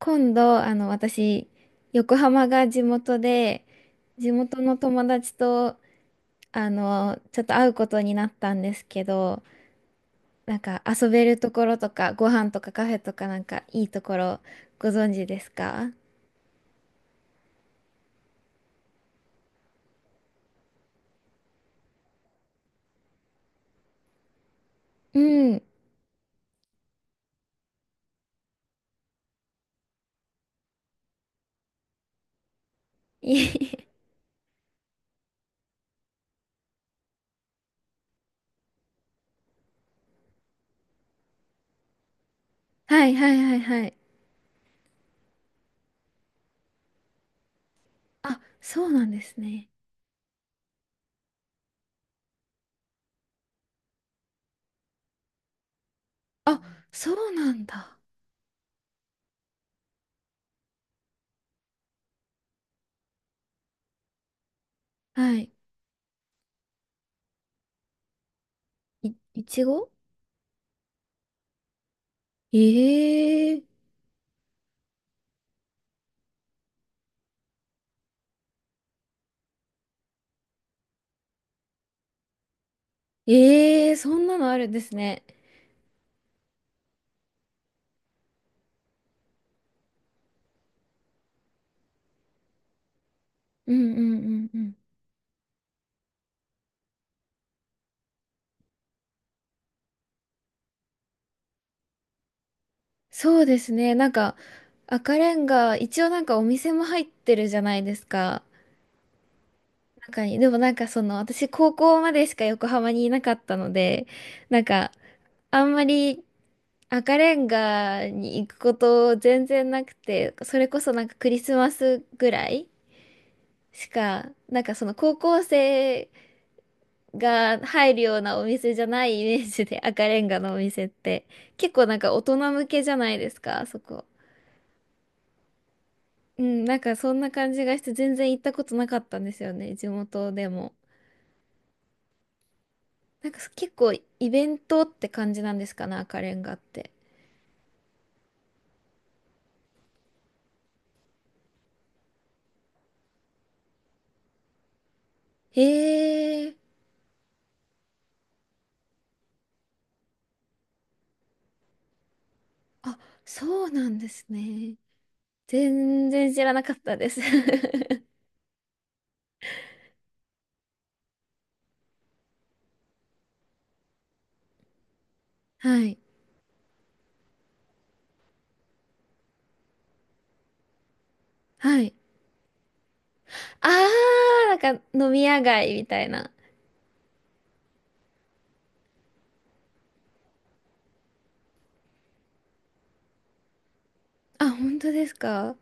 今度、私、横浜が地元で、地元の友達と、ちょっと会うことになったんですけど、なんか遊べるところとか、ご飯とかカフェとかなんかいいところご存知ですか？うん。いえ。 はいはいはいはい。あ、そうなんですね。あ、そうなんだ。はい。いちご。ええー。ええー、そんなのあるんですね。うんうんうんうん。そうですね。なんか、赤レンガ、一応なんかお店も入ってるじゃないですか。中に。でもなんかその、私高校までしか横浜にいなかったので、なんか、あんまり赤レンガに行くこと全然なくて、それこそなんかクリスマスぐらいしか、なんかその高校生が入るようなお店じゃないイメージで赤レンガのお店って。結構なんか大人向けじゃないですか、あそこ。うん、なんかそんな感じがして全然行ったことなかったんですよね、地元でも。なんか結構イベントって感じなんですかね、赤レンガって。へえ。あ、そうなんですね。全然知らなかったです。はい。はい。あー、なんか飲み屋街みたいな。あ、本当ですか？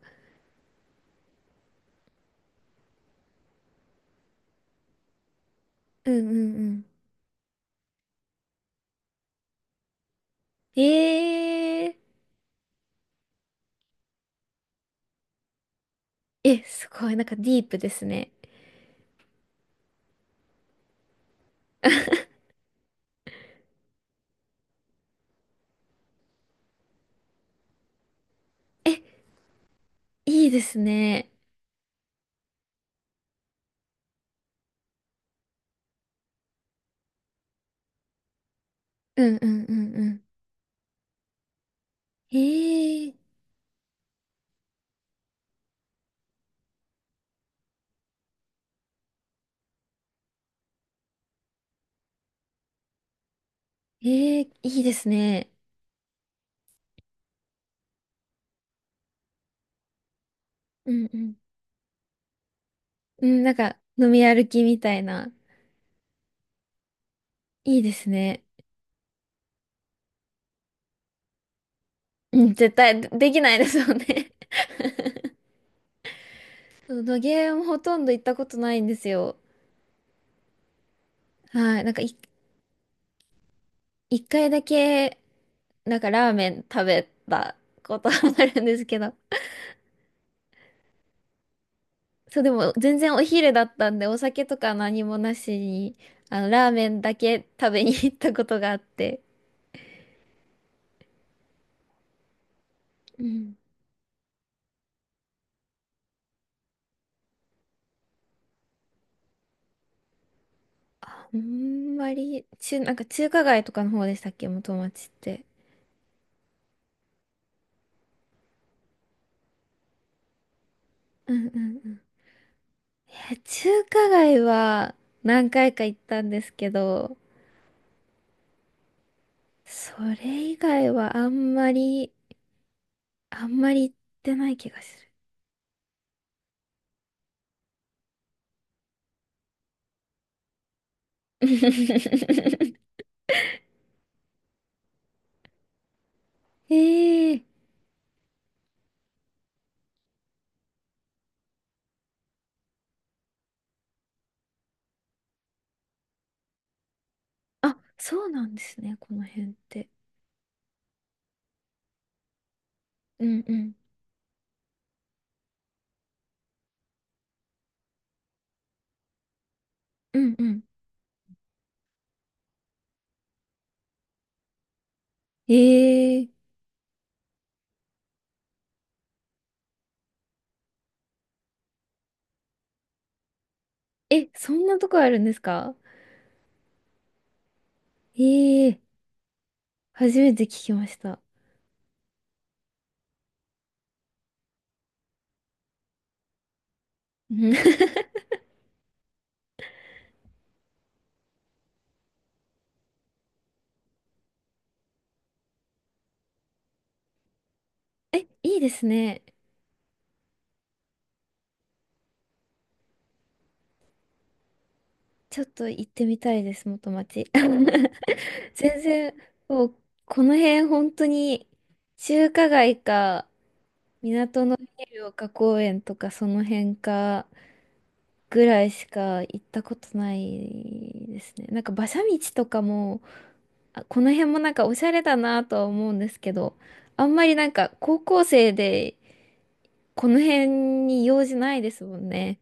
うんうんうん。えー、え、すごい、なんかディープですね。え、いいですね。うんうんうんうん。ええええ、いいですね。うんうん。うん、なんか、飲み歩きみたいな。いいですね。うん、絶対でできないですよね。そう、野毛もほとんど行ったことないんですよ。はい。一回だけ、なんかラーメン食べたことがあるんですけど。そう、でも全然お昼だったんで、お酒とか何もなしに、ラーメンだけ食べに行ったことがあって。うん。あんまり、なんか中華街とかの方でしたっけ、元町って。うんうんうん。いや、中華街は何回か行ったんですけど、それ以外はあんまり、あんまり行ってない気がする。ええ。あ、そうなんですね、この辺って。うんうん。うんうん。えええ、そんなとこあるんですか？ええ。初めて聞きました。うん。 え、いいですね。ちょっと行ってみたいです、元町。全然、もう、この辺本当に、中華街か、港のビル丘公園とか、その辺か、ぐらいしか行ったことないですね。なんか馬車道とかも、あ、この辺もなんかおしゃれだなとは思うんですけど、あんまりなんか高校生で、この辺に用事ないですもんね。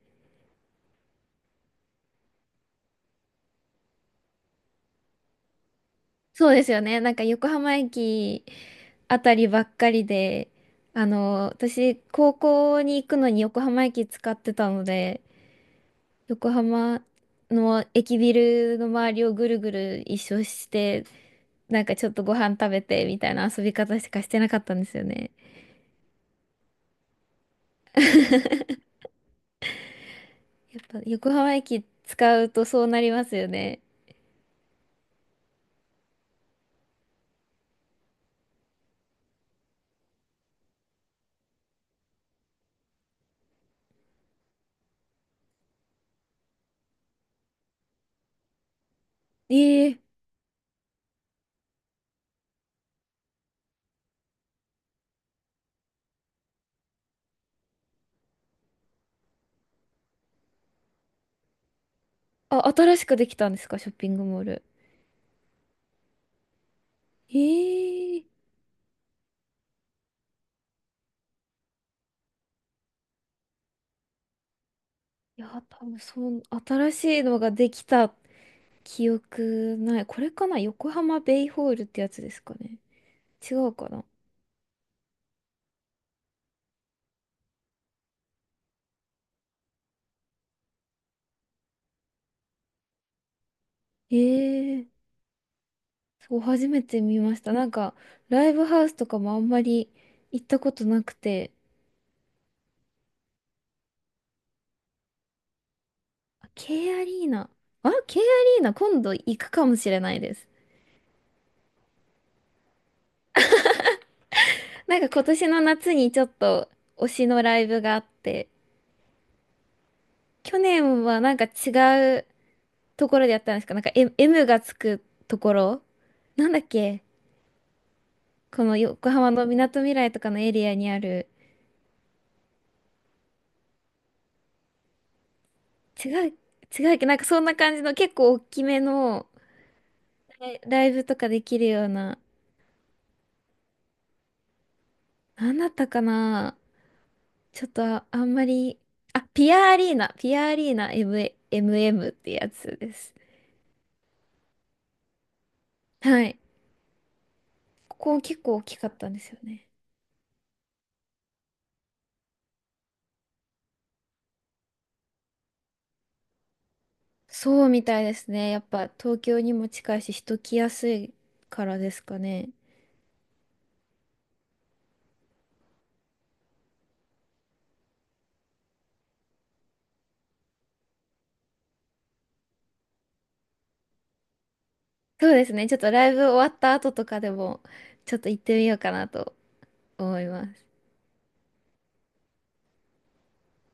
そうですよね。なんか横浜駅あたりばっかりで、私、高校に行くのに横浜駅使ってたので、横浜の駅ビルの周りをぐるぐる一周して、なんかちょっとご飯食べてみたいな遊び方しかしてなかったんですよね。やっぱ横浜駅使うとそうなりますよね。ええ。あ、新しくできたんですか、ショッピングモール。ええ、いや、多分そう、新しいのができた。記憶ない。これかな、横浜ベイホールってやつですかね。違うかな。ええー。そう、初めて見ました。なんか、ライブハウスとかもあんまり行ったことなくて。あ、 K アリーナ。あ、K アリーナ今度行くかもしれないです。なんか今年の夏にちょっと推しのライブがあって、去年はなんか違うところでやったんですか？なんか M、 M がつくところ、なんだっけ、この横浜のみなとみらいとかのエリアにある。違う、違うっけ、なんかそんな感じの結構大きめのライブとかできるような。なんだったかな。ちょっと、あ、あんまり、あ、ピアアリーナ、MM ってやつです。はい。ここ結構大きかったんですよね。そうみたいですね。やっぱ東京にも近いし人来やすいからですかね。そうですね。ちょっとライブ終わった後とかでもちょっと行ってみようかなと思います。